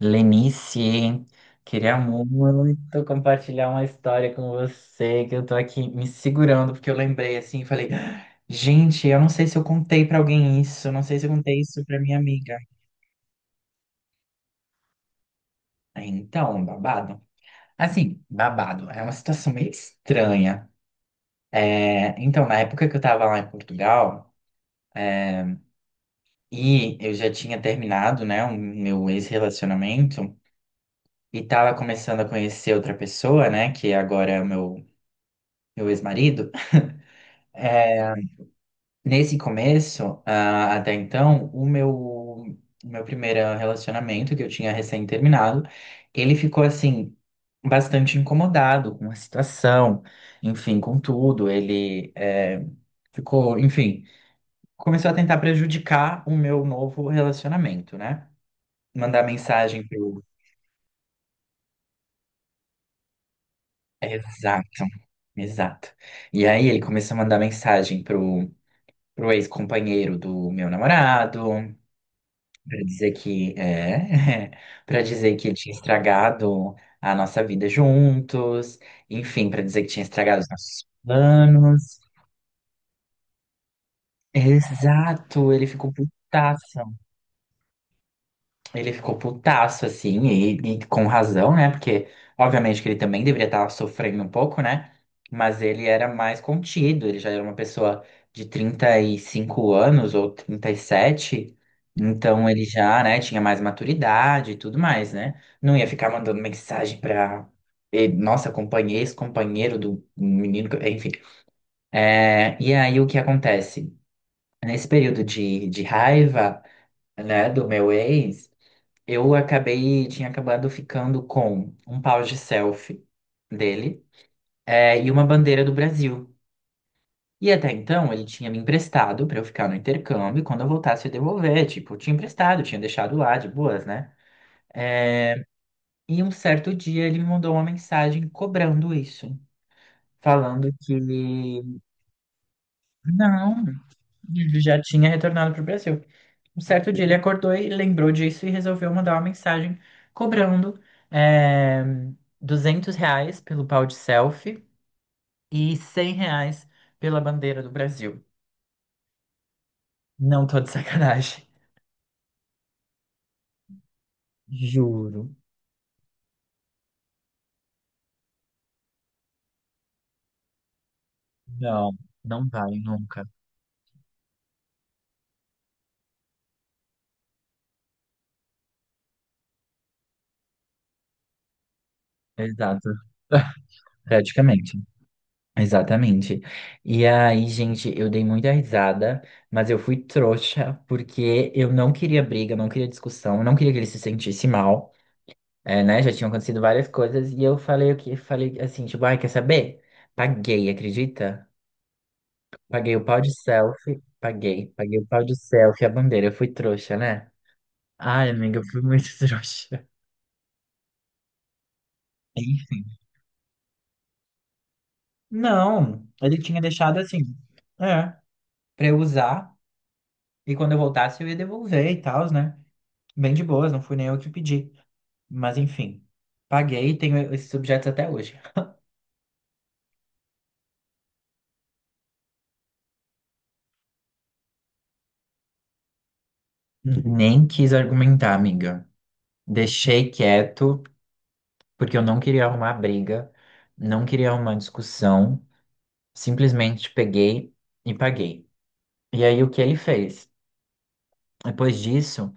Lenice, queria muito compartilhar uma história com você, que eu tô aqui me segurando, porque eu lembrei assim, e falei, gente, eu não sei se eu contei pra alguém isso, eu não sei se eu contei isso pra minha amiga. Aí, então, babado. Assim, babado, é uma situação meio estranha. É, então, na época que eu tava lá em Portugal, e eu já tinha terminado, né, o meu ex-relacionamento, e tava começando a conhecer outra pessoa, né, que agora é o meu ex-marido. Nesse começo, até então, o meu primeiro relacionamento, que eu tinha recém-terminado, ele ficou assim, bastante incomodado com a situação, enfim, com tudo. Ele ficou, enfim, começou a tentar prejudicar o meu novo relacionamento, né? Mandar mensagem pro. Exato, exato. E aí ele começou a mandar mensagem pro ex-companheiro do meu namorado. Pra dizer que é, para dizer que tinha estragado a nossa vida juntos, enfim, pra dizer que tinha estragado os nossos planos. Exato, ele ficou putaço. Ele ficou putaço, assim, e com razão, né? Porque, obviamente, que ele também deveria estar sofrendo um pouco, né? Mas ele era mais contido, ele já era uma pessoa de 35 anos ou 37. Então ele já, né, tinha mais maturidade e tudo mais, né? Não ia ficar mandando mensagem pra. Nossa, companheiro, ex-companheiro do menino, enfim. É, e aí o que acontece? Nesse período de raiva, né, do meu ex. Eu acabei, tinha acabado ficando com um pau de selfie dele, é, e uma bandeira do Brasil. E até então ele tinha me emprestado pra eu ficar no intercâmbio e quando eu voltasse eu devolver. Tipo, eu tinha emprestado, tinha deixado lá de boas, né? E um certo dia ele me mandou uma mensagem cobrando isso, falando que não, ele já tinha retornado pro Brasil. Um certo dia ele acordou e lembrou disso e resolveu mandar uma mensagem cobrando eh, R$ 200 pelo pau de selfie e R$ 100 pela bandeira do Brasil. Não tô de sacanagem. Juro. Não, não vai nunca. Exato. Praticamente. Exatamente. E aí, gente, eu dei muita risada, mas eu fui trouxa porque eu não queria briga, não queria discussão, não queria que ele se sentisse mal. É, né? Já tinham acontecido várias coisas e eu falei o que falei assim, tipo, ai, quer saber? Paguei, acredita? Paguei o pau de selfie, paguei, paguei o pau de selfie, a bandeira, eu fui trouxa, né? Ai, amiga, eu fui muito trouxa. Enfim. Não, ele tinha deixado assim, é, pra eu usar e quando eu voltasse eu ia devolver e tal, né? Bem de boas, não fui nem eu que pedi. Mas enfim, paguei e tenho esses objetos até hoje. Nem quis argumentar, amiga. Deixei quieto, porque eu não queria arrumar briga, não queria arrumar discussão, simplesmente peguei e paguei. E aí o que ele fez? Depois disso,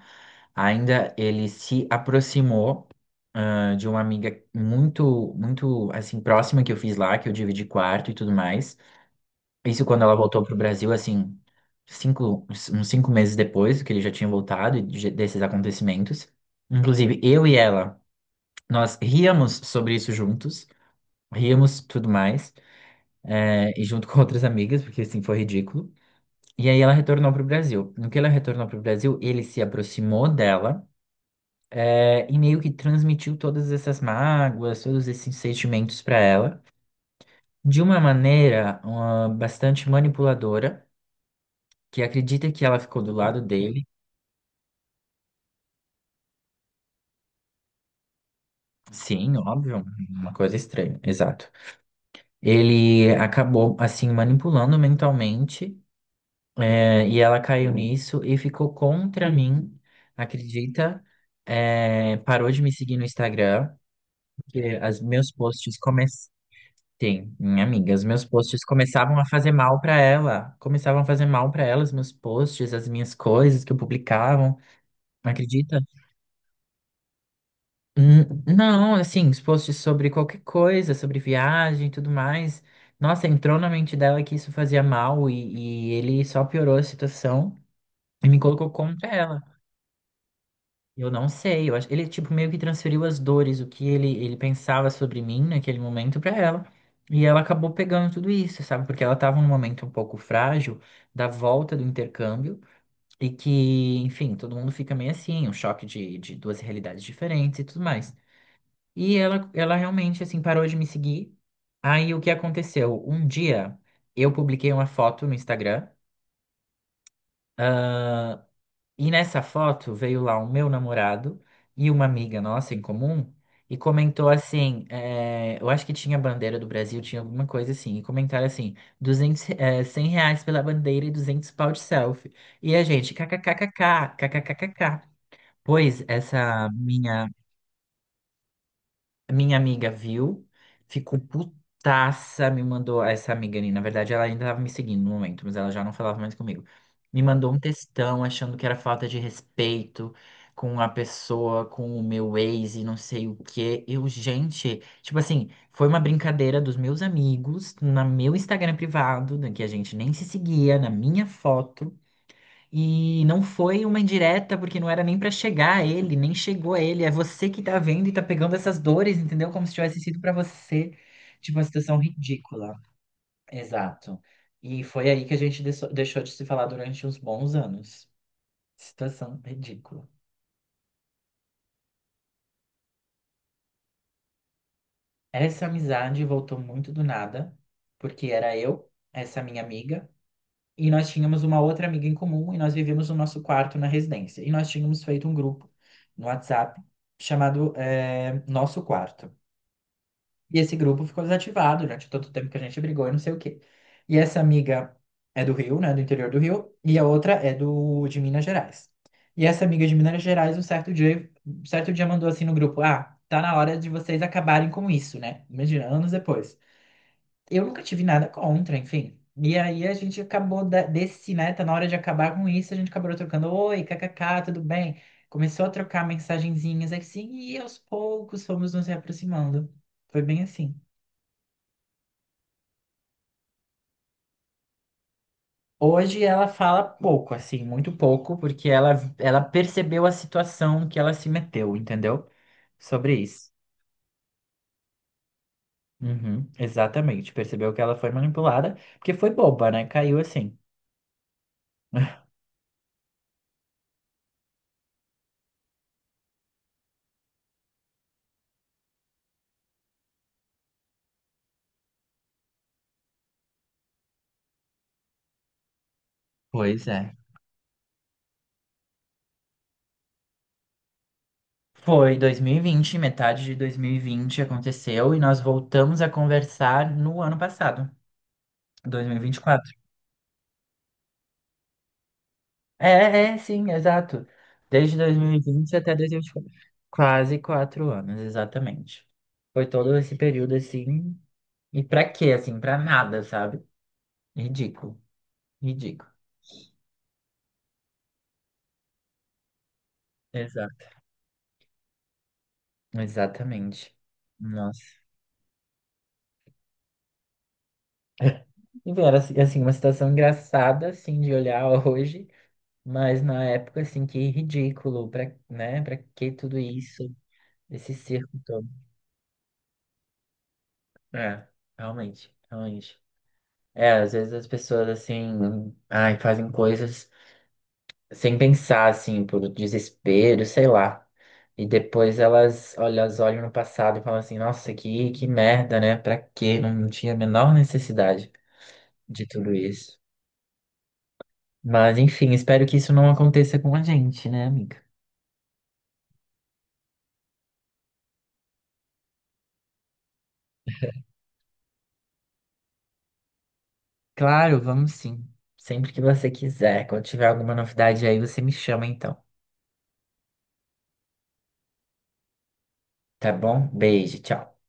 ainda ele se aproximou de uma amiga muito, muito assim próxima que eu fiz lá, que eu dividi quarto e tudo mais. Isso quando ela voltou pro Brasil, assim, cinco, uns 5 meses depois que ele já tinha voltado e desses acontecimentos. Inclusive, eu e ela, nós ríamos sobre isso juntos, ríamos tudo mais. É, e junto com outras amigas, porque assim foi ridículo. E aí ela retornou pro Brasil. No que ela retornou pro Brasil, ele se aproximou dela, é, e meio que transmitiu todas essas mágoas, todos esses sentimentos para ela, de uma maneira, bastante manipuladora, que acredita que ela ficou do lado dele. Sim, óbvio, uma coisa estranha, exato. Ele acabou assim manipulando mentalmente. É, e ela caiu nisso e ficou contra mim, acredita? É, parou de me seguir no Instagram, porque as meus posts comecei, minha amiga, os meus posts começavam a fazer mal para ela, começavam a fazer mal para ela, os meus posts, as minhas coisas que eu publicavam, acredita? Não, assim, os posts sobre qualquer coisa, sobre viagem e tudo mais. Nossa, entrou na mente dela que isso fazia mal e ele só piorou a situação e me colocou contra ela. Eu não sei, eu acho, ele tipo meio que transferiu as dores, o que ele, pensava sobre mim naquele momento pra ela. E ela acabou pegando tudo isso, sabe? Porque ela tava num momento um pouco frágil da volta do intercâmbio e que, enfim, todo mundo fica meio assim, um choque de duas realidades diferentes e tudo mais. E ela realmente assim parou de me seguir. Aí o que aconteceu? Um dia eu publiquei uma foto no Instagram. E nessa foto veio lá o meu namorado e uma amiga nossa em comum e comentou assim, é, eu acho que tinha bandeira do Brasil, tinha alguma coisa assim, e comentaram assim, 200 R$ 100 pela bandeira e 200 pau de selfie. E a gente, kkkkk, kkkkk. Pois essa minha amiga viu, ficou putaça, me mandou. Essa amiga ali, na verdade, ela ainda estava me seguindo no momento, mas ela já não falava mais comigo. Me mandou um textão achando que era falta de respeito com a pessoa, com o meu ex e não sei o quê. Eu, gente, tipo assim, foi uma brincadeira dos meus amigos, no meu Instagram privado, né, que a gente nem se seguia, na minha foto. E não foi uma indireta, porque não era nem pra chegar a ele, nem chegou a ele. É você que tá vendo e tá pegando essas dores, entendeu? Como se tivesse sido pra você, tipo, uma situação ridícula. Exato. E foi aí que a gente deixou de se falar durante uns bons anos. Situação ridícula. Essa amizade voltou muito do nada, porque era eu, essa minha amiga. E nós tínhamos uma outra amiga em comum e nós vivíamos no nosso quarto na residência. E nós tínhamos feito um grupo no WhatsApp chamado Nosso Quarto. E esse grupo ficou desativado durante todo o tempo que a gente brigou e não sei o quê. E essa amiga é do Rio, né, do interior do Rio, e a outra é do de Minas Gerais. E essa amiga de Minas Gerais, um certo dia mandou assim no grupo: Ah, tá na hora de vocês acabarem com isso, né? Imagina, anos depois eu nunca tive nada contra, enfim. E aí a gente acabou desse, né? Tá na hora de acabar com isso, a gente acabou trocando, oi, kkk, tudo bem? Começou a trocar mensagenzinhas assim, e aos poucos fomos nos aproximando. Foi bem assim. Hoje ela fala pouco, assim, muito pouco, porque ela percebeu a situação que ela se meteu, entendeu? Sobre isso. Uhum, exatamente. Percebeu que ela foi manipulada, porque foi boba, né? Caiu assim. Pois é. Foi 2020, metade de 2020 aconteceu e nós voltamos a conversar no ano passado, 2024. É, é, sim, exato. Desde 2020 até dois mil e vinte e quatro, quase 4 anos, exatamente. Foi todo esse período assim. E pra quê, assim? Pra nada, sabe? Ridículo, ridículo. Exato. Exatamente. Nossa. E era assim, assim, uma situação engraçada, assim, de olhar hoje. Mas na época, assim, que ridículo, pra, né? Pra que tudo isso, esse circo todo? É, realmente, realmente. É, às vezes as pessoas, assim, ai, fazem coisas sem pensar, assim, por desespero, sei lá. E depois elas, olha, elas olham no passado e falam assim, nossa, que merda, né? Pra quê? Não tinha a menor necessidade de tudo isso. Mas, enfim, espero que isso não aconteça com a gente, né, amiga? Claro, vamos sim. Sempre que você quiser. Quando tiver alguma novidade aí, você me chama então. Tá bom? Beijo, tchau.